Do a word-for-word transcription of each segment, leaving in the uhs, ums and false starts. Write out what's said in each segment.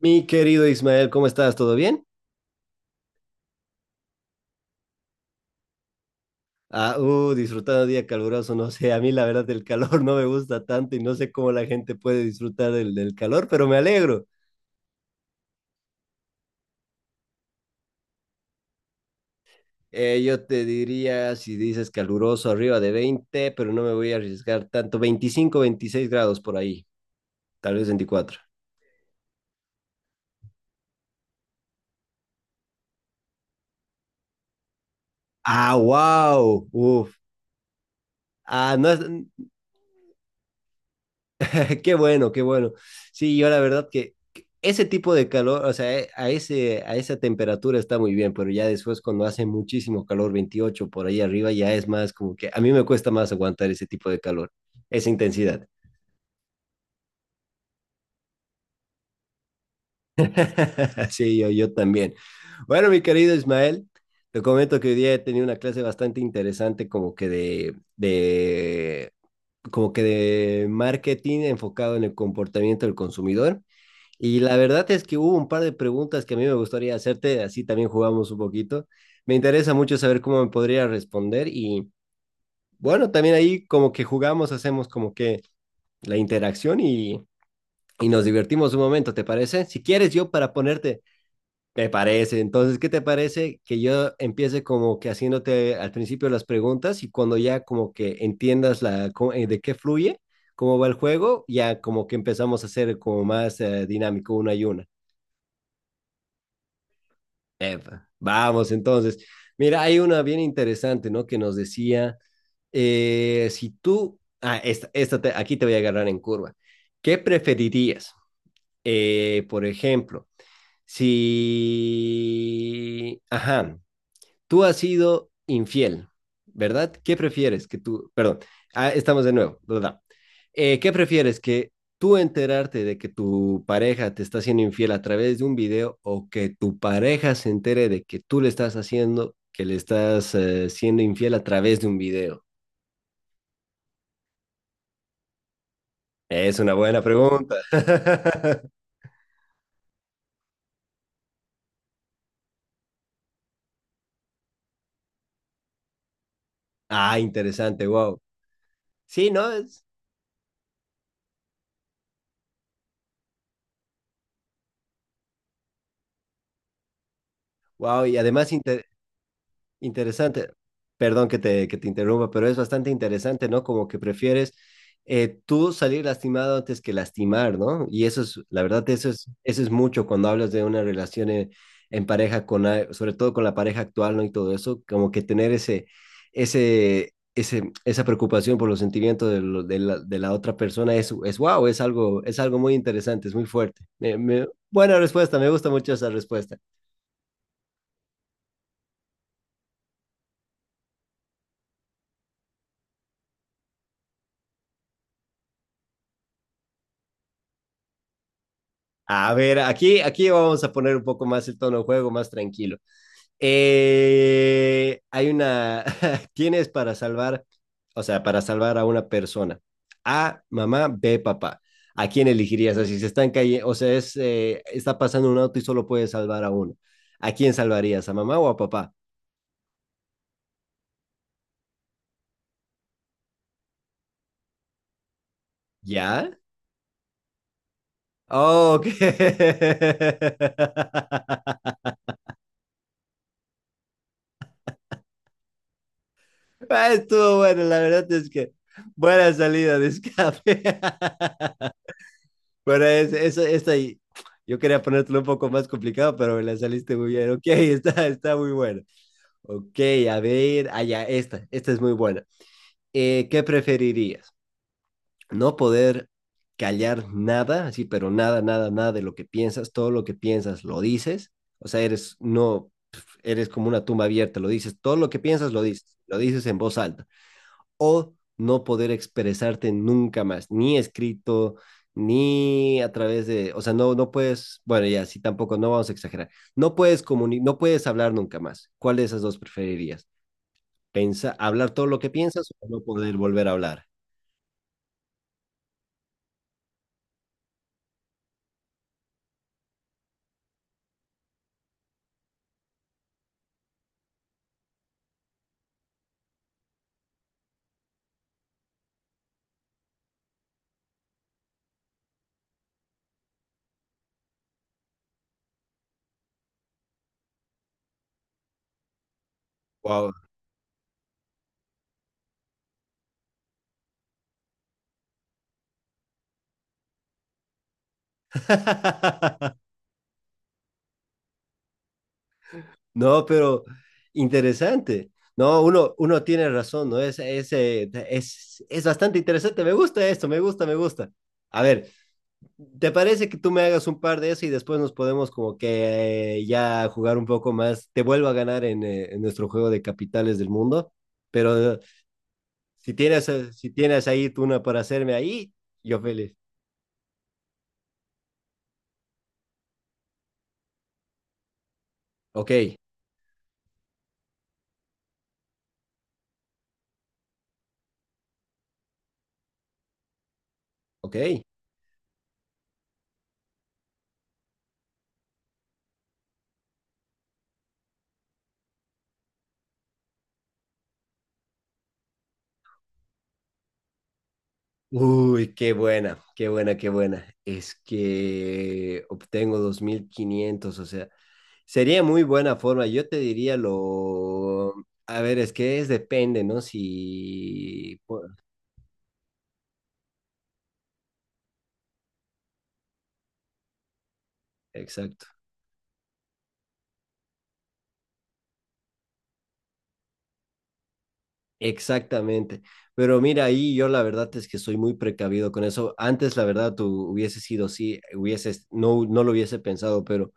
Mi querido Ismael, ¿cómo estás? ¿Todo bien? Ah, uh, disfrutando de día caluroso, no sé, a mí la verdad el calor no me gusta tanto y no sé cómo la gente puede disfrutar del, del calor, pero me alegro. Eh, yo te diría, si dices caluroso, arriba de veinte, pero no me voy a arriesgar tanto, veinticinco, veintiséis grados por ahí, tal vez veinticuatro. Ah, wow, uf. Ah, no es. Qué bueno, qué bueno. Sí, yo la verdad que que ese tipo de calor, o sea, eh, a ese, a esa temperatura está muy bien, pero ya después cuando hace muchísimo calor, veintiocho por ahí arriba, ya es más como que a mí me cuesta más aguantar ese tipo de calor, esa intensidad. Sí, yo, yo también. Bueno, mi querido Ismael, te comento que hoy día he tenido una clase bastante interesante como que de, de, como que de marketing enfocado en el comportamiento del consumidor. Y la verdad es que hubo un par de preguntas que a mí me gustaría hacerte, así también jugamos un poquito. Me interesa mucho saber cómo me podría responder y bueno, también ahí como que jugamos, hacemos como que la interacción y, y nos divertimos un momento, ¿te parece? Si quieres yo para ponerte, me parece. Entonces, ¿qué te parece que yo empiece como que haciéndote al principio las preguntas y cuando ya como que entiendas la, co- eh, de qué fluye, cómo va el juego, ya como que empezamos a hacer como más eh, dinámico una y una? Epa, vamos entonces. Mira, hay una bien interesante, ¿no? Que nos decía, eh, si tú, ah, esta, esta te- aquí te voy a agarrar en curva. ¿Qué preferirías? Eh, por ejemplo, si, ajá, tú has sido infiel, ¿verdad? ¿Qué prefieres que tú, perdón, ah, estamos de nuevo, ¿verdad? Eh, ¿Qué prefieres que tú enterarte de que tu pareja te está haciendo infiel a través de un video o que tu pareja se entere de que tú le estás haciendo, que le estás eh, siendo infiel a través de un video? Es una buena pregunta. Ah, interesante, wow. Sí, ¿no? Es, wow, y además inter- Interesante. Perdón que te, que te interrumpa, pero es bastante interesante, ¿no? Como que prefieres eh, tú salir lastimado antes que lastimar, ¿no? Y eso es, la verdad, eso es, eso es mucho cuando hablas de una relación en, en pareja, con, a- sobre todo con la pareja actual, ¿no? Y todo eso, como que tener ese, ese, ese, esa preocupación por los sentimientos de, lo- de la, de la otra persona es, es wow, es algo, es algo muy interesante, es muy fuerte. Me- me- buena respuesta, me gusta mucho esa respuesta. A ver, aquí, aquí vamos a poner un poco más el tono de juego, más tranquilo. Eh, hay una, tienes para salvar, o sea, para salvar a una persona. A, mamá, B, papá. ¿A quién elegirías? O sea, si se están cayendo, o sea, es, eh, está pasando un auto y solo puedes salvar a uno. ¿A quién salvarías? ¿A mamá o a papá? ¿Ya? Oh, ok. Ah, estuvo bueno, la verdad es que buena salida de escape. Bueno, es, es- esta y- yo quería ponértelo un poco más complicado, pero me la saliste muy bien. Ok, está, está, muy buena. Ok, a ver, allá, esta, esta es muy buena. Eh, ¿qué preferirías? ¿No poder callar nada, así, pero nada, nada, nada de lo que piensas, todo lo que piensas lo dices? O sea, eres, no, eres como una tumba abierta, lo dices, todo lo que piensas lo dices, lo dices en voz alta o no poder expresarte nunca más, ni escrito, ni a través de, o sea, no, no puedes, bueno, ya, sí, tampoco, no vamos a exagerar, no puedes comuni no puedes hablar nunca más. ¿Cuál de esas dos preferirías? Pensa, ¿Hablar todo lo que piensas o no poder volver a hablar? Wow. No, pero interesante. No, uno, uno tiene razón, ¿no? Es, es, eh, es, es bastante interesante. Me gusta esto, me gusta, me gusta. A ver, ¿te parece que tú me hagas un par de eso y después nos podemos como que eh, ya jugar un poco más? Te vuelvo a ganar en, eh, en nuestro juego de capitales del mundo, pero eh, si tienes, eh, si tienes ahí tú una para hacerme ahí, yo feliz. Ok, ok. Uy, qué buena, qué buena, qué buena. Es que obtengo dos mil quinientos, o sea, sería muy buena forma. Yo te diría lo. A ver, es que es depende, ¿no? Si. Exacto. Exactamente. Pero mira, ahí yo la verdad es que soy muy precavido con eso. Antes, la verdad, tú hubiese sido sí, hubieses, no, no lo hubiese pensado, pero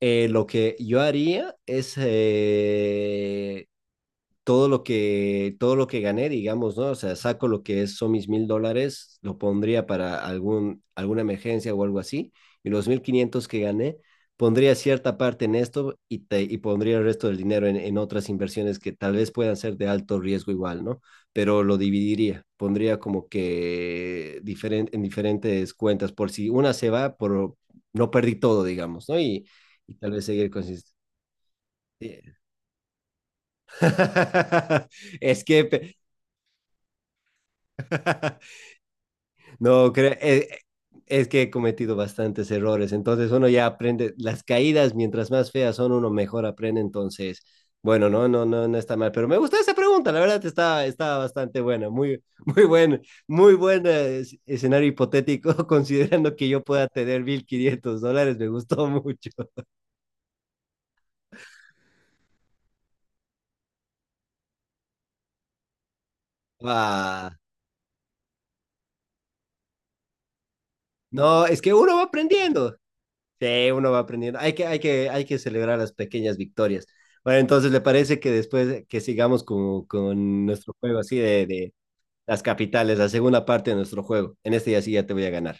eh, lo que yo haría es eh, todo lo que, todo lo que gané, digamos, ¿no? O sea, saco lo que es, son mis mil dólares, lo pondría para algún, alguna emergencia o algo así, y los mil quinientos que gané, pondría cierta parte en esto y, te, y pondría el resto del dinero en, en, otras inversiones que tal vez puedan ser de alto riesgo igual, ¿no? Pero lo dividiría, pondría como que diferen, en diferentes cuentas, por si una se va, por no perdí todo, digamos, ¿no? Y, y tal vez seguir consistente. es que pe- No, cre- eh, es que he cometido bastantes errores, entonces uno ya aprende las caídas, mientras más feas son, uno mejor aprende, entonces, bueno, no, no, no, no está mal, pero me gustó esa pregunta, la verdad está, está, bastante buena, muy, muy buen, muy buen eh, es- escenario hipotético, considerando que yo pueda tener mil quinientos dólares, me gustó mucho. Ah, no, es que uno va aprendiendo. Sí, uno va aprendiendo. Hay que, hay que, hay que celebrar las pequeñas victorias. Bueno, entonces, ¿le parece que después que sigamos con, con nuestro juego así de, de las capitales, la segunda parte de nuestro juego? En este ya sí ya te voy a ganar.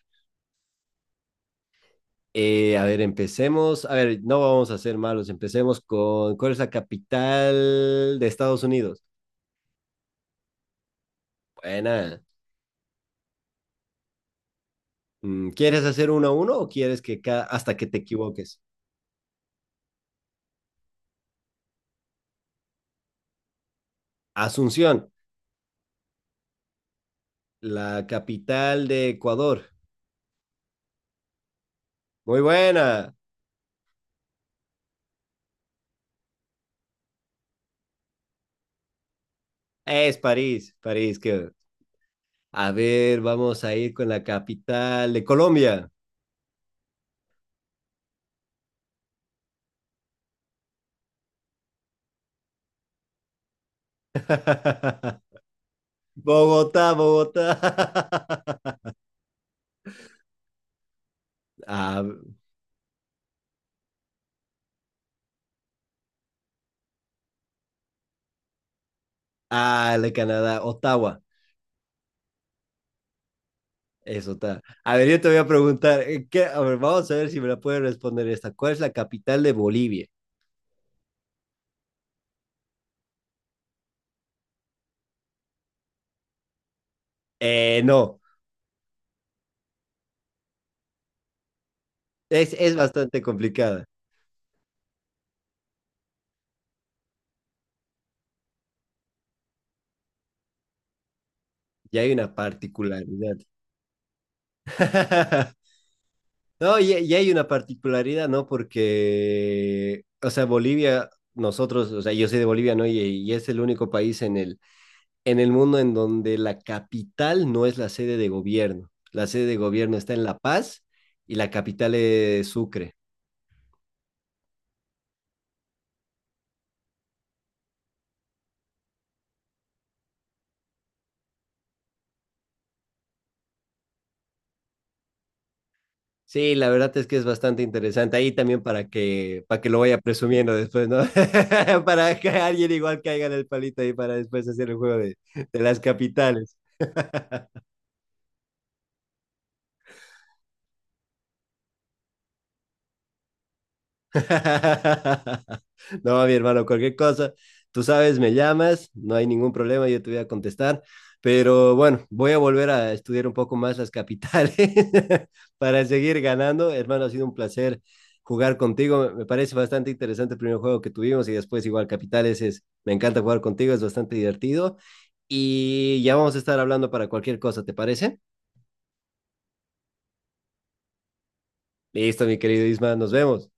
Eh, a ver, empecemos. A ver, no vamos a ser malos. Empecemos con, ¿cuál es la capital de Estados Unidos? Buena. Mm, ¿Quieres hacer uno a uno o quieres que ca- hasta que te equivoques? Asunción, la capital de Ecuador. Muy buena. Es París, París, que A ver, vamos a ir con la capital de Colombia. Bogotá, Bogotá. Ah, ah, la de Canadá, Ottawa. Eso está. A ver, yo te voy a preguntar, eh, ¿qué? A ver, vamos a ver si me la puedes responder esta. ¿Cuál es la capital de Bolivia? Eh, no, es, es bastante complicada. Ya hay una particularidad. No, y, y hay una particularidad, ¿no? Porque, o sea, Bolivia, nosotros, o sea, yo soy de Bolivia, ¿no? Y, y es el único país en el, en el mundo en donde la capital no es la sede de gobierno. La sede de gobierno está en La Paz y la capital es Sucre. Sí, la verdad es que es bastante interesante. Ahí también para que, para que lo vaya presumiendo después, ¿no? para que alguien igual caiga en el palito ahí para después hacer el juego de, de las capitales. No, mi hermano, cualquier cosa, tú sabes, me llamas, no hay ningún problema, yo te voy a contestar, pero bueno, voy a volver a estudiar un poco más las capitales para seguir ganando. Hermano, ha sido un placer jugar contigo, me parece bastante interesante el primer juego que tuvimos y después igual capitales es, me encanta jugar contigo, es bastante divertido y ya vamos a estar hablando para cualquier cosa, ¿te parece? Listo, mi querido Isma, nos vemos.